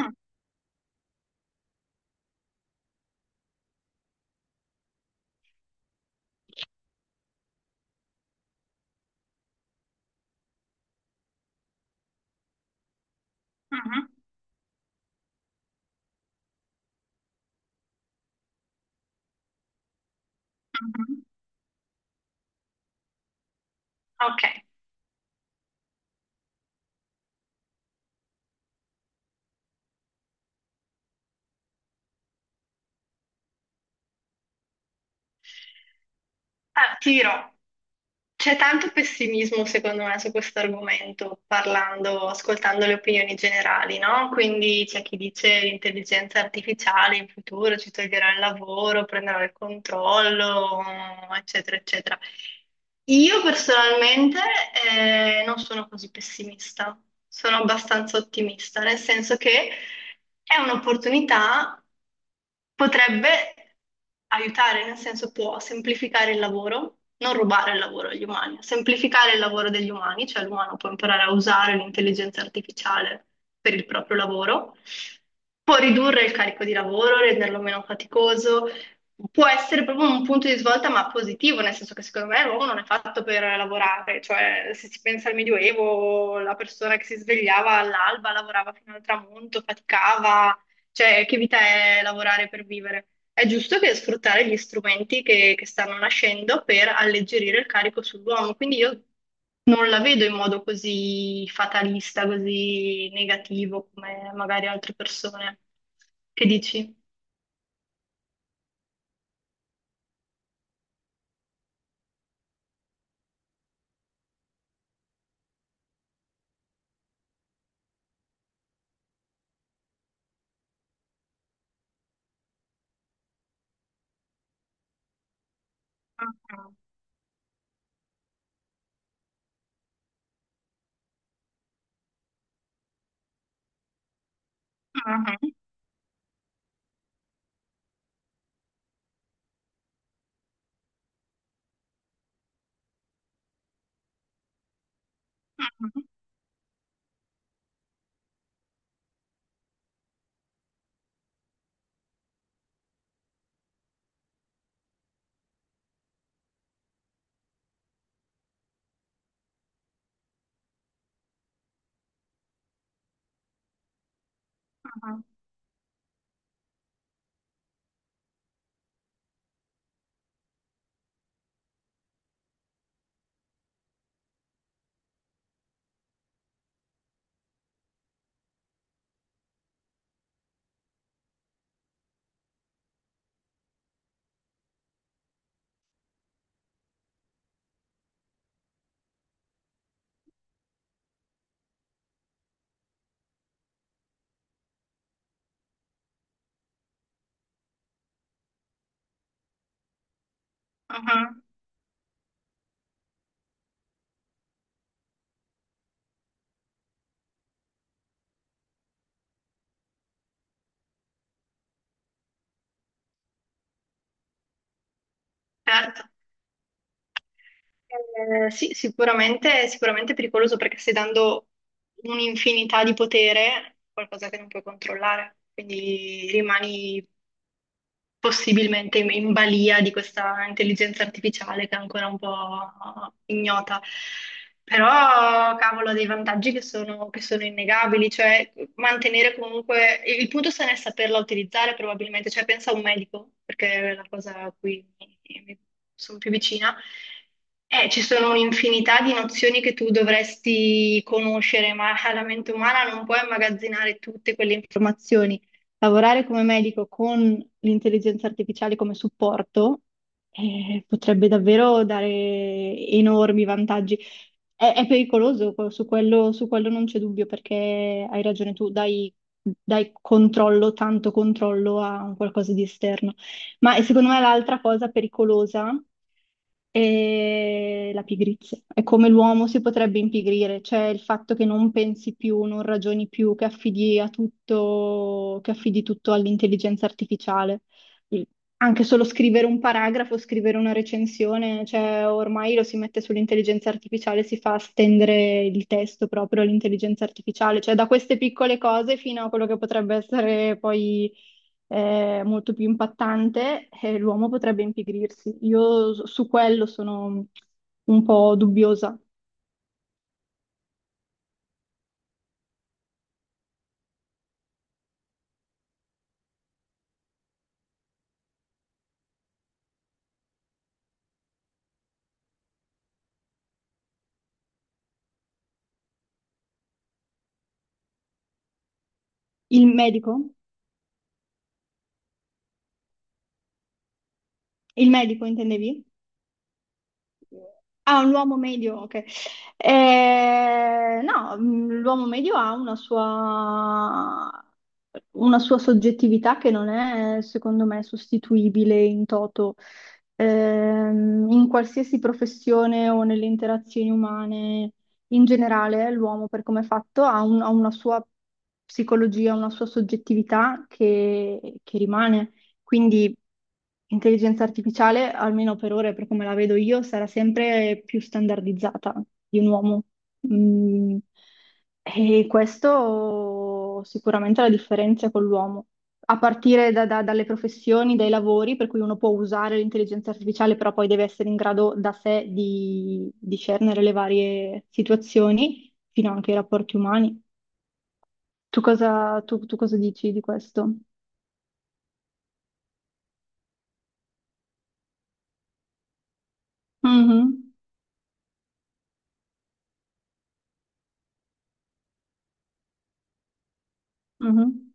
Mm, mhm, mhm. Ok. Ah, ti dirò, c'è tanto pessimismo secondo me su questo argomento, parlando, ascoltando le opinioni generali, no? Quindi c'è chi dice l'intelligenza artificiale in futuro ci toglierà il lavoro, prenderà il controllo, eccetera, eccetera. Io personalmente non sono così pessimista, sono abbastanza ottimista, nel senso che è un'opportunità, potrebbe aiutare, nel senso può semplificare il lavoro, non rubare il lavoro agli umani, semplificare il lavoro degli umani, cioè l'umano può imparare a usare l'intelligenza artificiale per il proprio lavoro, può ridurre il carico di lavoro, renderlo meno faticoso, può essere proprio un punto di svolta, ma positivo, nel senso che secondo me l'uomo non è fatto per lavorare, cioè se si pensa al Medioevo, la persona che si svegliava all'alba, lavorava fino al tramonto, faticava, cioè che vita è lavorare per vivere? È giusto che sfruttare gli strumenti che stanno nascendo per alleggerire il carico sull'uomo, quindi io non la vedo in modo così fatalista, così negativo come magari altre persone. Che dici? Mhm. Mhm, mhm, mhm, certo. Sì, sicuramente, sicuramente è pericoloso perché stai dando un'infinità di potere a qualcosa che non puoi controllare, quindi rimani possibilmente in balia di questa intelligenza artificiale che è ancora un po' ignota. Però, cavolo, ha dei vantaggi che sono innegabili, cioè mantenere comunque. Il punto sta nel saperla utilizzare probabilmente, cioè pensa a un medico, perché è la cosa a cui mi sono più vicina. Ci sono un'infinità di nozioni che tu dovresti conoscere, ma la mente umana non può immagazzinare tutte quelle informazioni. Lavorare come medico con l'intelligenza artificiale come supporto potrebbe davvero dare enormi vantaggi. È pericoloso, su quello, su quello, non c'è dubbio, perché hai ragione tu, dai, dai controllo, tanto controllo a un qualcosa di esterno. Ma e secondo me l'altra cosa pericolosa è la pigrizia. È come l'uomo si potrebbe impigrire, cioè il fatto che non pensi più, non ragioni più, che affidi a tutto, che affidi tutto all'intelligenza artificiale. Il- Anche solo scrivere un paragrafo, scrivere una recensione, cioè ormai lo si mette sull'intelligenza artificiale, si fa stendere il testo proprio all'intelligenza artificiale, cioè da queste piccole cose fino a quello che potrebbe essere poi molto più impattante, e l'uomo potrebbe impigrirsi. Io su quello sono un po' dubbiosa. Il medico? Il medico intendevi? Ah, un uomo medio, ok. No, l'uomo medio ha una sua soggettività che non è, secondo me, sostituibile in toto, in qualsiasi professione o nelle interazioni umane. In generale, l'uomo, per come è fatto, ha una sua psicologia, una sua soggettività che rimane. Quindi intelligenza artificiale, almeno per ora e per come la vedo io, sarà sempre più standardizzata di un uomo. Mm, E questo sicuramente è la differenza con l'uomo. A partire dalle professioni, dai lavori, per cui uno può usare l'intelligenza artificiale, però poi deve essere in grado da sé di discernere le varie situazioni, fino anche ai rapporti umani. Tu cosa dici di questo? Mhm, mhm.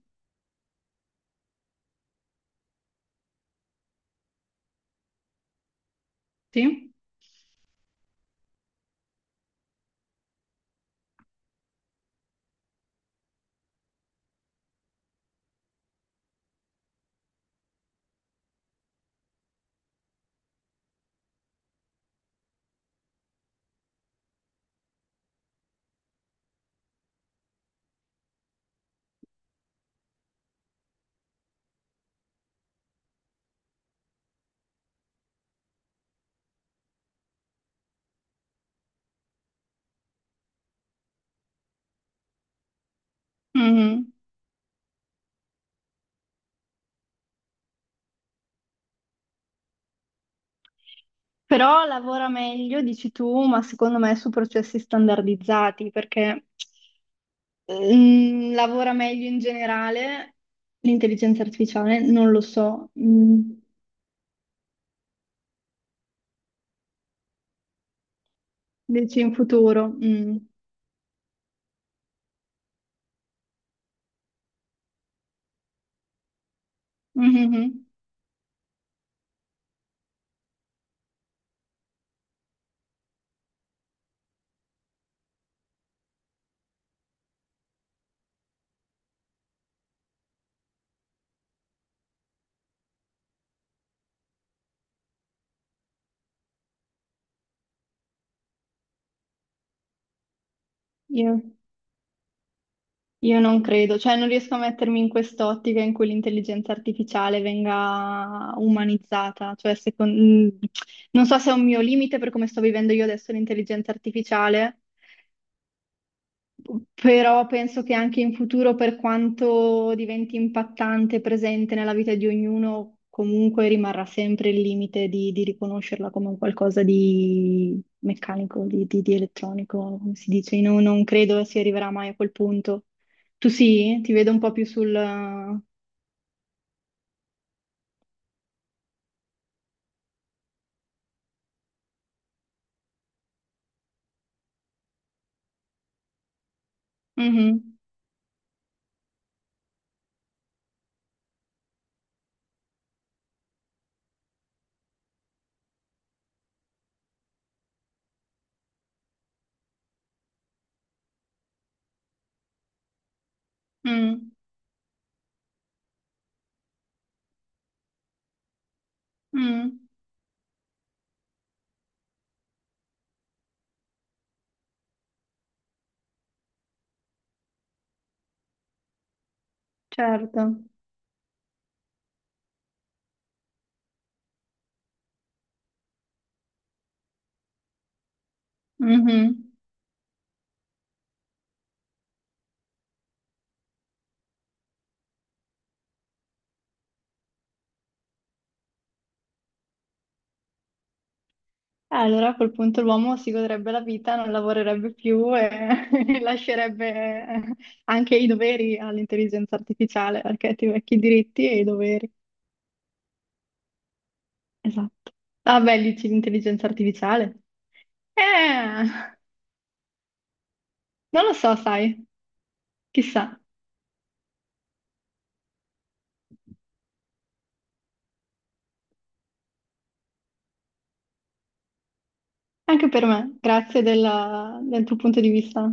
Sì? Mhm. Però lavora meglio, dici tu, ma secondo me su processi standardizzati, perché lavora meglio in generale l'intelligenza artificiale, non lo so, mm, dici in futuro. Mm. Mhm. Io, io non credo, cioè non riesco a mettermi in quest'ottica in cui l'intelligenza artificiale venga umanizzata, cioè non so se è un mio limite per come sto vivendo io adesso l'intelligenza artificiale. Però penso che anche in futuro, per quanto diventi impattante e presente nella vita di ognuno, comunque rimarrà sempre il limite di, riconoscerla come un qualcosa di meccanico, di elettronico, come si dice. Io non credo si arriverà mai a quel punto. Tu sì? Ti vedo un po' più sul... Mhm, mm, mm, certo. Mhm. Allora a quel punto l'uomo si godrebbe la vita, non lavorerebbe più e lascerebbe eh, anche i doveri all'intelligenza artificiale, perché ti vecchi i diritti e i doveri. Esatto. Ah, beh, dici l'intelligenza artificiale? Eh, Non lo so, sai, chissà. Anche per me, grazie della- del tuo punto di vista.